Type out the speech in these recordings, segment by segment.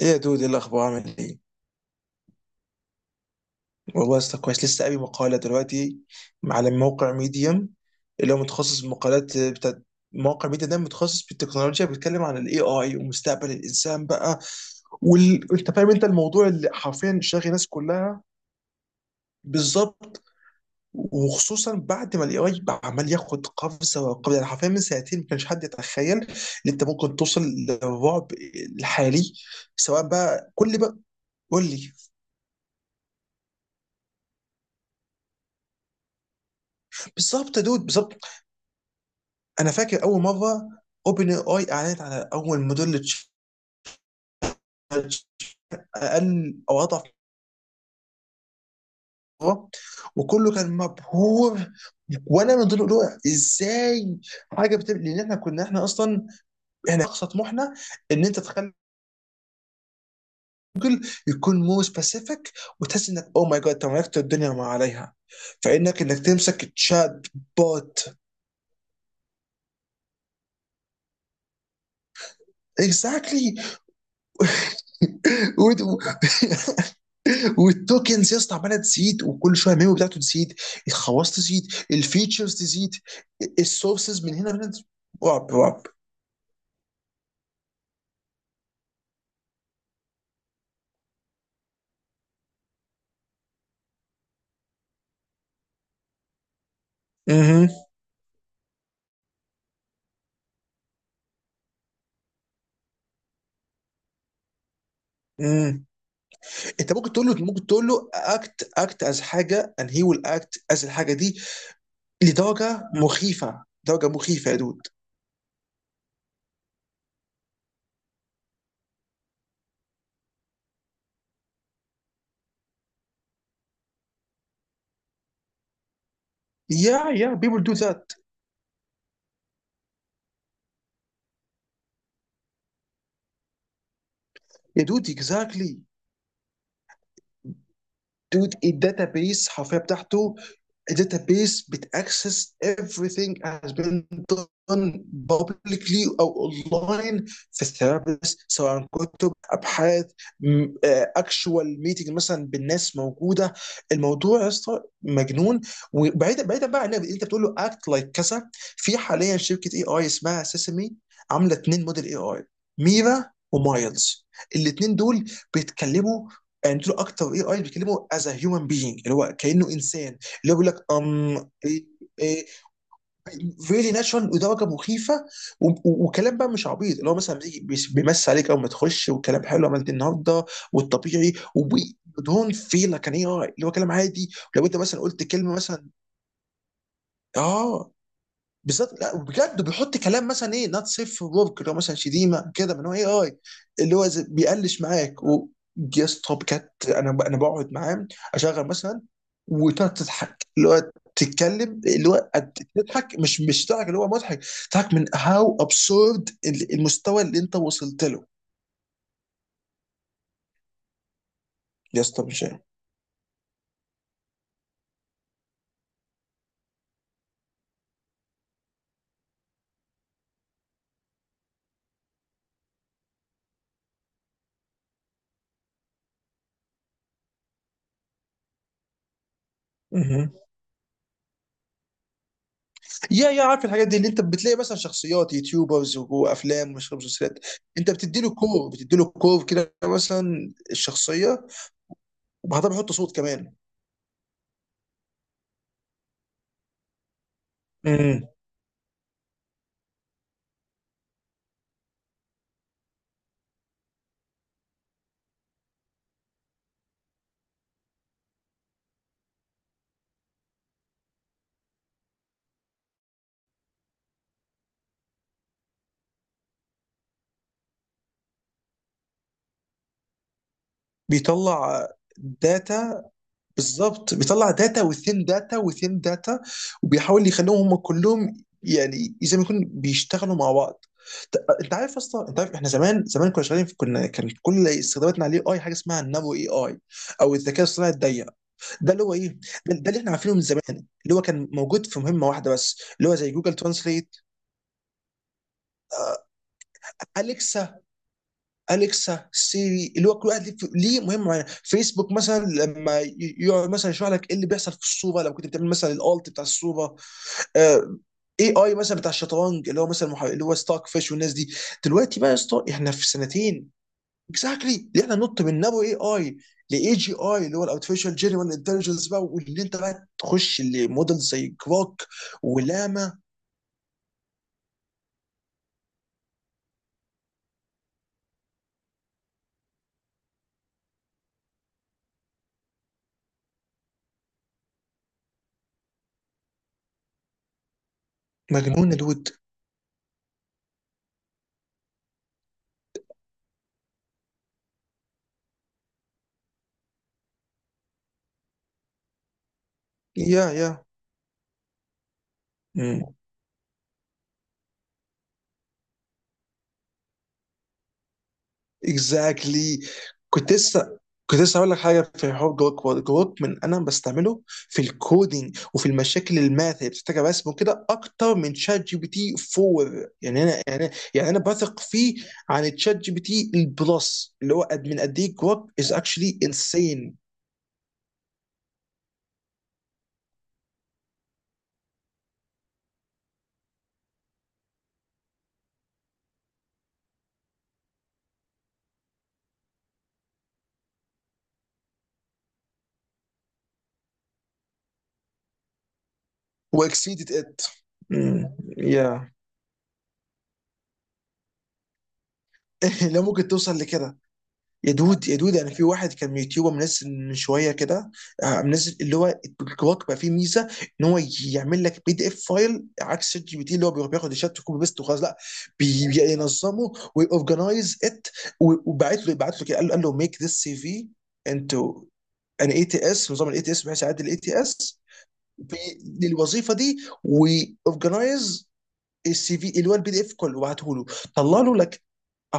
ايه يا دود، ايه الاخبار؟ عامل ايه؟ والله يا اسطى كويس. لسه قاري مقاله دلوقتي على موقع ميديم اللي هو متخصص بالمقالات بتاعت موقع ميديا. ده متخصص بالتكنولوجيا، بيتكلم عن الاي اي ومستقبل الانسان بقى. انت فاهم، انت الموضوع اللي حرفيا شاغل الناس كلها. بالظبط، وخصوصا بعد ما الاي اي عمال ياخد قفزه وقفزه، يعني حرفيا من سنتين ما كانش حد يتخيل ان انت ممكن توصل للرعب الحالي. سواء بقى كل بقى قول لي. بالظبط يا دود، بالظبط. انا فاكر اول مره اوبن اي اعلنت على اول موديل تشالنج اقل او اضعف مره، وكله كان مبهور، وانا من ضمن دول. ازاي حاجه بتبقى؟ لان احنا كنا احنا اقصى طموحنا ان انت تخلي يكون مو سبيسيفيك، وتحس انك او ماي جاد انت ملكت الدنيا وما عليها. فانك تمسك تشات بوت. اكزاكتلي. والتوكنز يا اسطى عماله تزيد، وكل شويه الميمو بتاعته تزيد، الخواص تزيد، الفيتشرز تزيد. السورسز من هنا من هنا. رعب رعب. مهم. مم. انت ممكن تقول له اكت از حاجه and he will act as الحاجه دي. لدرجه مخيفه، درجه مخيفه يا دود. يا people do that. يا دود exactly. دود الداتا بيس حرفيا بتاعته a database بتاكسس everything has been done publicly او اونلاين، في الثيرابيست، سواء كتب ابحاث اكشوال ميتنج مثلا بالناس موجوده. الموضوع يا اسطى مجنون. وبعيدا بعيدا بقى عن انت بتقول له اكت لايك كذا، في حاليا شركه اي اي اسمها سيسمي عامله اثنين موديل اي اي: ميرا ومايلز. الاثنين دول بيتكلموا، يعني دول اكتر اي اي بيتكلموا از هيومن بينج، اللي هو كانه انسان. اللي يقول لك ام ايه، ايه. فيري ناتشورال ودرجه مخيفه. وكلام بقى مش عبيط، اللي هو مثلا بيجي بيمس عليك اول ما تخش، وكلام حلو: عملت إيه النهارده؟ والطبيعي ودون فيل، كان ايه اللي هو كلام عادي. لو انت مثلا قلت كلمه مثلا، اه بالظبط، لا بجد بيحط كلام مثلا ايه نوت سيف ورك، اللي هو مثلا شتيمه كده، من هو اي اي. اللي هو بيقلش معاك. و يا اسطى بجد انا بقعد معاه، اشغل مثلا، وتقعد تضحك اللي هو تتكلم اللي هو تضحك، مش تضحك اللي هو مضحك، تضحك من هاو ابسورد المستوى اللي انت وصلت له. يا اسطى مش عارف. مهم. يا عارف الحاجات دي اللي انت بتلاقي مثلا شخصيات يوتيوبرز وافلام ومسلسلات؟ انت بتدي له كور، كده مثلا الشخصيه، وبعدها بحط صوت كمان. امم بيطلع داتا، بالظبط بيطلع داتا وثين داتا وثين داتا، وبيحاول يخليهم هم كلهم يعني زي ما يكون بيشتغلوا مع بعض. انت عارف اصلا، انت عارف احنا زمان زمان كنا شغالين كان كل استخداماتنا عليه اي حاجه اسمها النانو اي اي او الذكاء الصناعي الضيق. ده اللي هو ايه؟ ده اللي احنا عارفينه من زمان، اللي هو كان موجود في مهمه واحده بس، اللي هو زي جوجل ترانسليت، اليكسا. اليكسا، سيري، اللي هو كل واحد ليه مهمه معينه. فيسبوك مثلا لما يقعد مثلا يشرح لك ايه اللي بيحصل في الصوره لو كنت بتعمل مثلا الالت بتاع الصوره. آه، اي اي مثلا بتاع الشطرنج، اللي هو مثلا اللي هو ستاك فيش والناس دي. دلوقتي بقى يا اسطى احنا في سنتين اكزاكتلي اللي احنا ننط من نابو اي اي لاي جي اي، اللي هو الارتفيشال جنرال انتليجنس بقى، واللي انت بقى تخش لموديل زي كراك ولاما. مجنون الود. يا مم. اكزاكتلي. كنت لسه كنت لسه هقول لك حاجه في حوار جروك. وورد، جروك من انا بستعمله في الكودينج وفي المشاكل الماث اللي بتحتاج رسم وكده، اكتر من شات جي بي تي 4. يعني انا يعني انا بثق فيه عن تشات جي بي تي البلس. اللي هو قد ايه جروك از اكشلي انسين. واكسيدد ات. يا لو ممكن توصل لكده. يا دود، يعني في واحد كان يوتيوبر منزل من شويه كده. منزل اللي هو الكواك بقى فيه ميزه ان هو يعمل لك بي دي اف فايل، عكس شات جي بي تي اللي هو بيروح بياخد الشات وكوبي بيست وخلاص. لا، بينظمه ويورجنايز ات. وبعت له كده، قال له: ميك ذس سي في انتو ان اي تي اس، نظام الاي تي اس، بحيث يعدل الاي تي اس للوظيفه دي، ويورجنايز السي في اللي هو البي دي اف كله. وبعته له، طلع له لك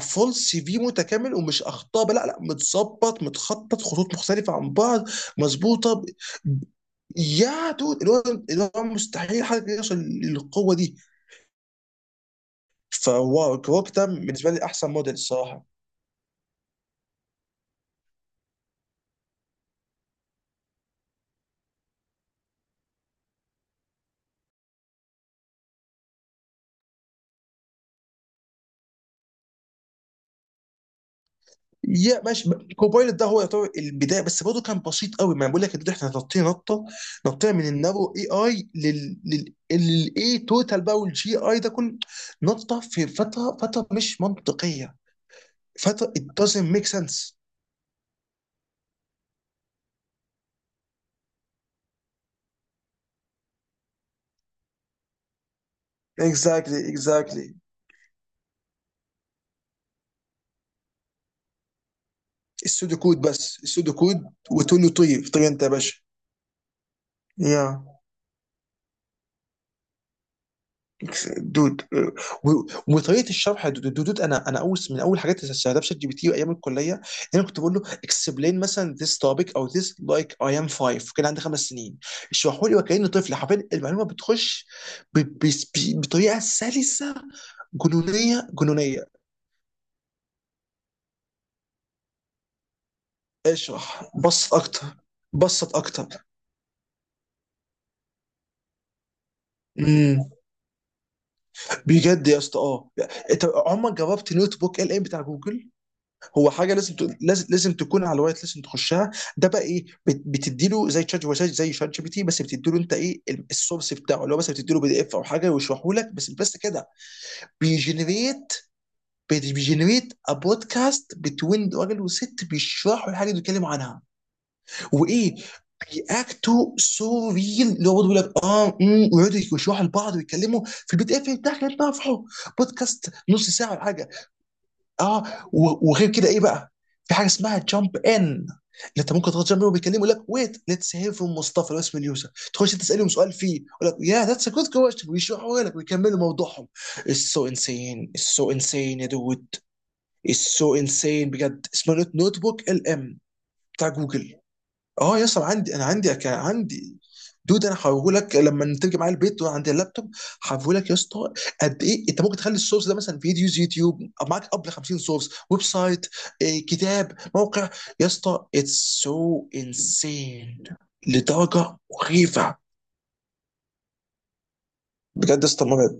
فول سي في متكامل ومش اخطاء بقى، لا لا متظبط، متخطط، خطوط مختلفه عن بعض، مظبوطه. يا دود، اللي هو مستحيل حد يوصل للقوه دي. فواو، كوك ده بالنسبه لي احسن موديل الصراحه. يا ماشي. كوبايلوت ده هو يعتبر البدايه، بس برضه كان بسيط قوي. ما أنا بقول لك يا دود احنا نطينا نطه. نطينا من النابو اي اي لل لل للاي توتال بقى والجي اي ده كله. نطه في فتره مش منطقيه. فتره it doesn't make sense. اكزاكتلي، اكزاكتلي. السودو كود بس، السودو كود، وتقول له طيب، طيب انت يا باشا. يا دود. و- وطريقه الشرح يا دود, دود دود، انا اول من اول حاجات اللي استخدمتها في شات جي بي تي ايام الكليه، انا كنت بقول له explain مثلا this topic او this like I am five، كان عندي 5 سنين، اشرحوا لي وكاني طفل. حرفيا المعلومه بتخش ب- ب- بطريقه سلسه جنونيه جنونيه. اشرح بسط اكتر، بسط اكتر. بجد يا اسطى، اه. انت عمرك جربت نوت بوك ال ام بتاع جوجل؟ هو حاجه لازم تكون على الوايت، لازم تخشها. ده بقى ايه؟ بتدي له زي زي شات جي بي تي، بس بتدي له انت ايه السورس بتاعه، اللي هو مثلا بتدي له بي دي اف او حاجه ويشرحه لك. بس كده. بيجنريت بيجنريت ا بودكاست بتوين راجل وست بيشرحوا الحاجه اللي بيتكلموا عنها. وايه، بيأكتوا سو ريل، اللي هو برضه بيقول لك اه ويقعدوا يشرحوا لبعض ويتكلموا في البي دي اف بتاعك اللي انت رافعه. بودكاست نص ساعه ولا حاجه. اه. وغير كده ايه بقى، في حاجه اسمها جامب ان، اللي انت ممكن تضغط جنب وبيكلموا، يقول لك ويت ليتس هير فروم مصطفى لو اسم اليوزر، تخش تسالهم سؤال فيه، يقول لك يا ذاتس ا جود كويشن ويشرحوا لك ويكملوا موضوعهم. اتس سو انسين، اتس سو انسين يا دود، اتس سو انسين بجد. اسمه نوت بوك ال ام بتاع جوجل. اه يا اسطى عندي، انا عندي عندي. دود انا هوريهولك لما تيجي معايا البيت عند اللابتوب. هوريهولك يا اسطى قد ايه انت ممكن تخلي السورس ده مثلا فيديوز يوتيوب، معاك قبل 50 سورس، ويب سايت، إيه، كتاب، موقع. يا اسطى اتس سو انسين، لدرجه مخيفه. بجد يا اسطى مرعب.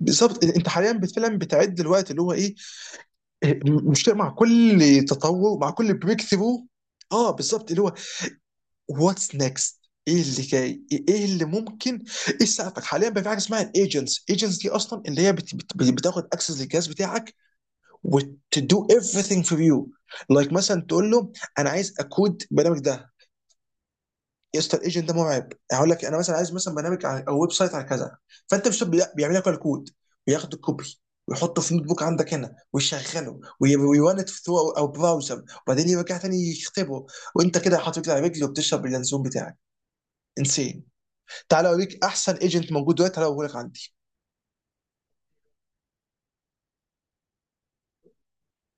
بالظبط. انت حاليا فعلا بتعد الوقت اللي هو ايه. إيه، مش مع كل تطور، مع كل بريك ثرو. اه بالظبط، اللي هو واتس نيكست. ايه اللي جاي؟ ايه اللي ممكن؟ ايه سقفك حاليا بقى؟ في حاجه اسمها الايجنتس. ايجنتس دي اصلا اللي هي بتاخد اكسس للجهاز بتاعك وتدو everything for you. لايك مثلا تقول له انا عايز اكود برنامج ده. يا اسطى الايجنت ده مرعب. هقول لك، انا مثلا عايز مثلا برنامج او ويب سايت على كذا، فانت مش بيعمل لك الكود وياخد الكوبي ويحطه في نوت بوك عندك هنا ويشغله ويرن ات ثرو او براوزر، وبعدين يرجع تاني يكتبه، وانت كده حاطط رجلك على رجل وبتشرب اللانسون بتاعك. انسين. تعالى اوريك احسن ايجنت موجود دلوقتي، تعالى اوريك عندي.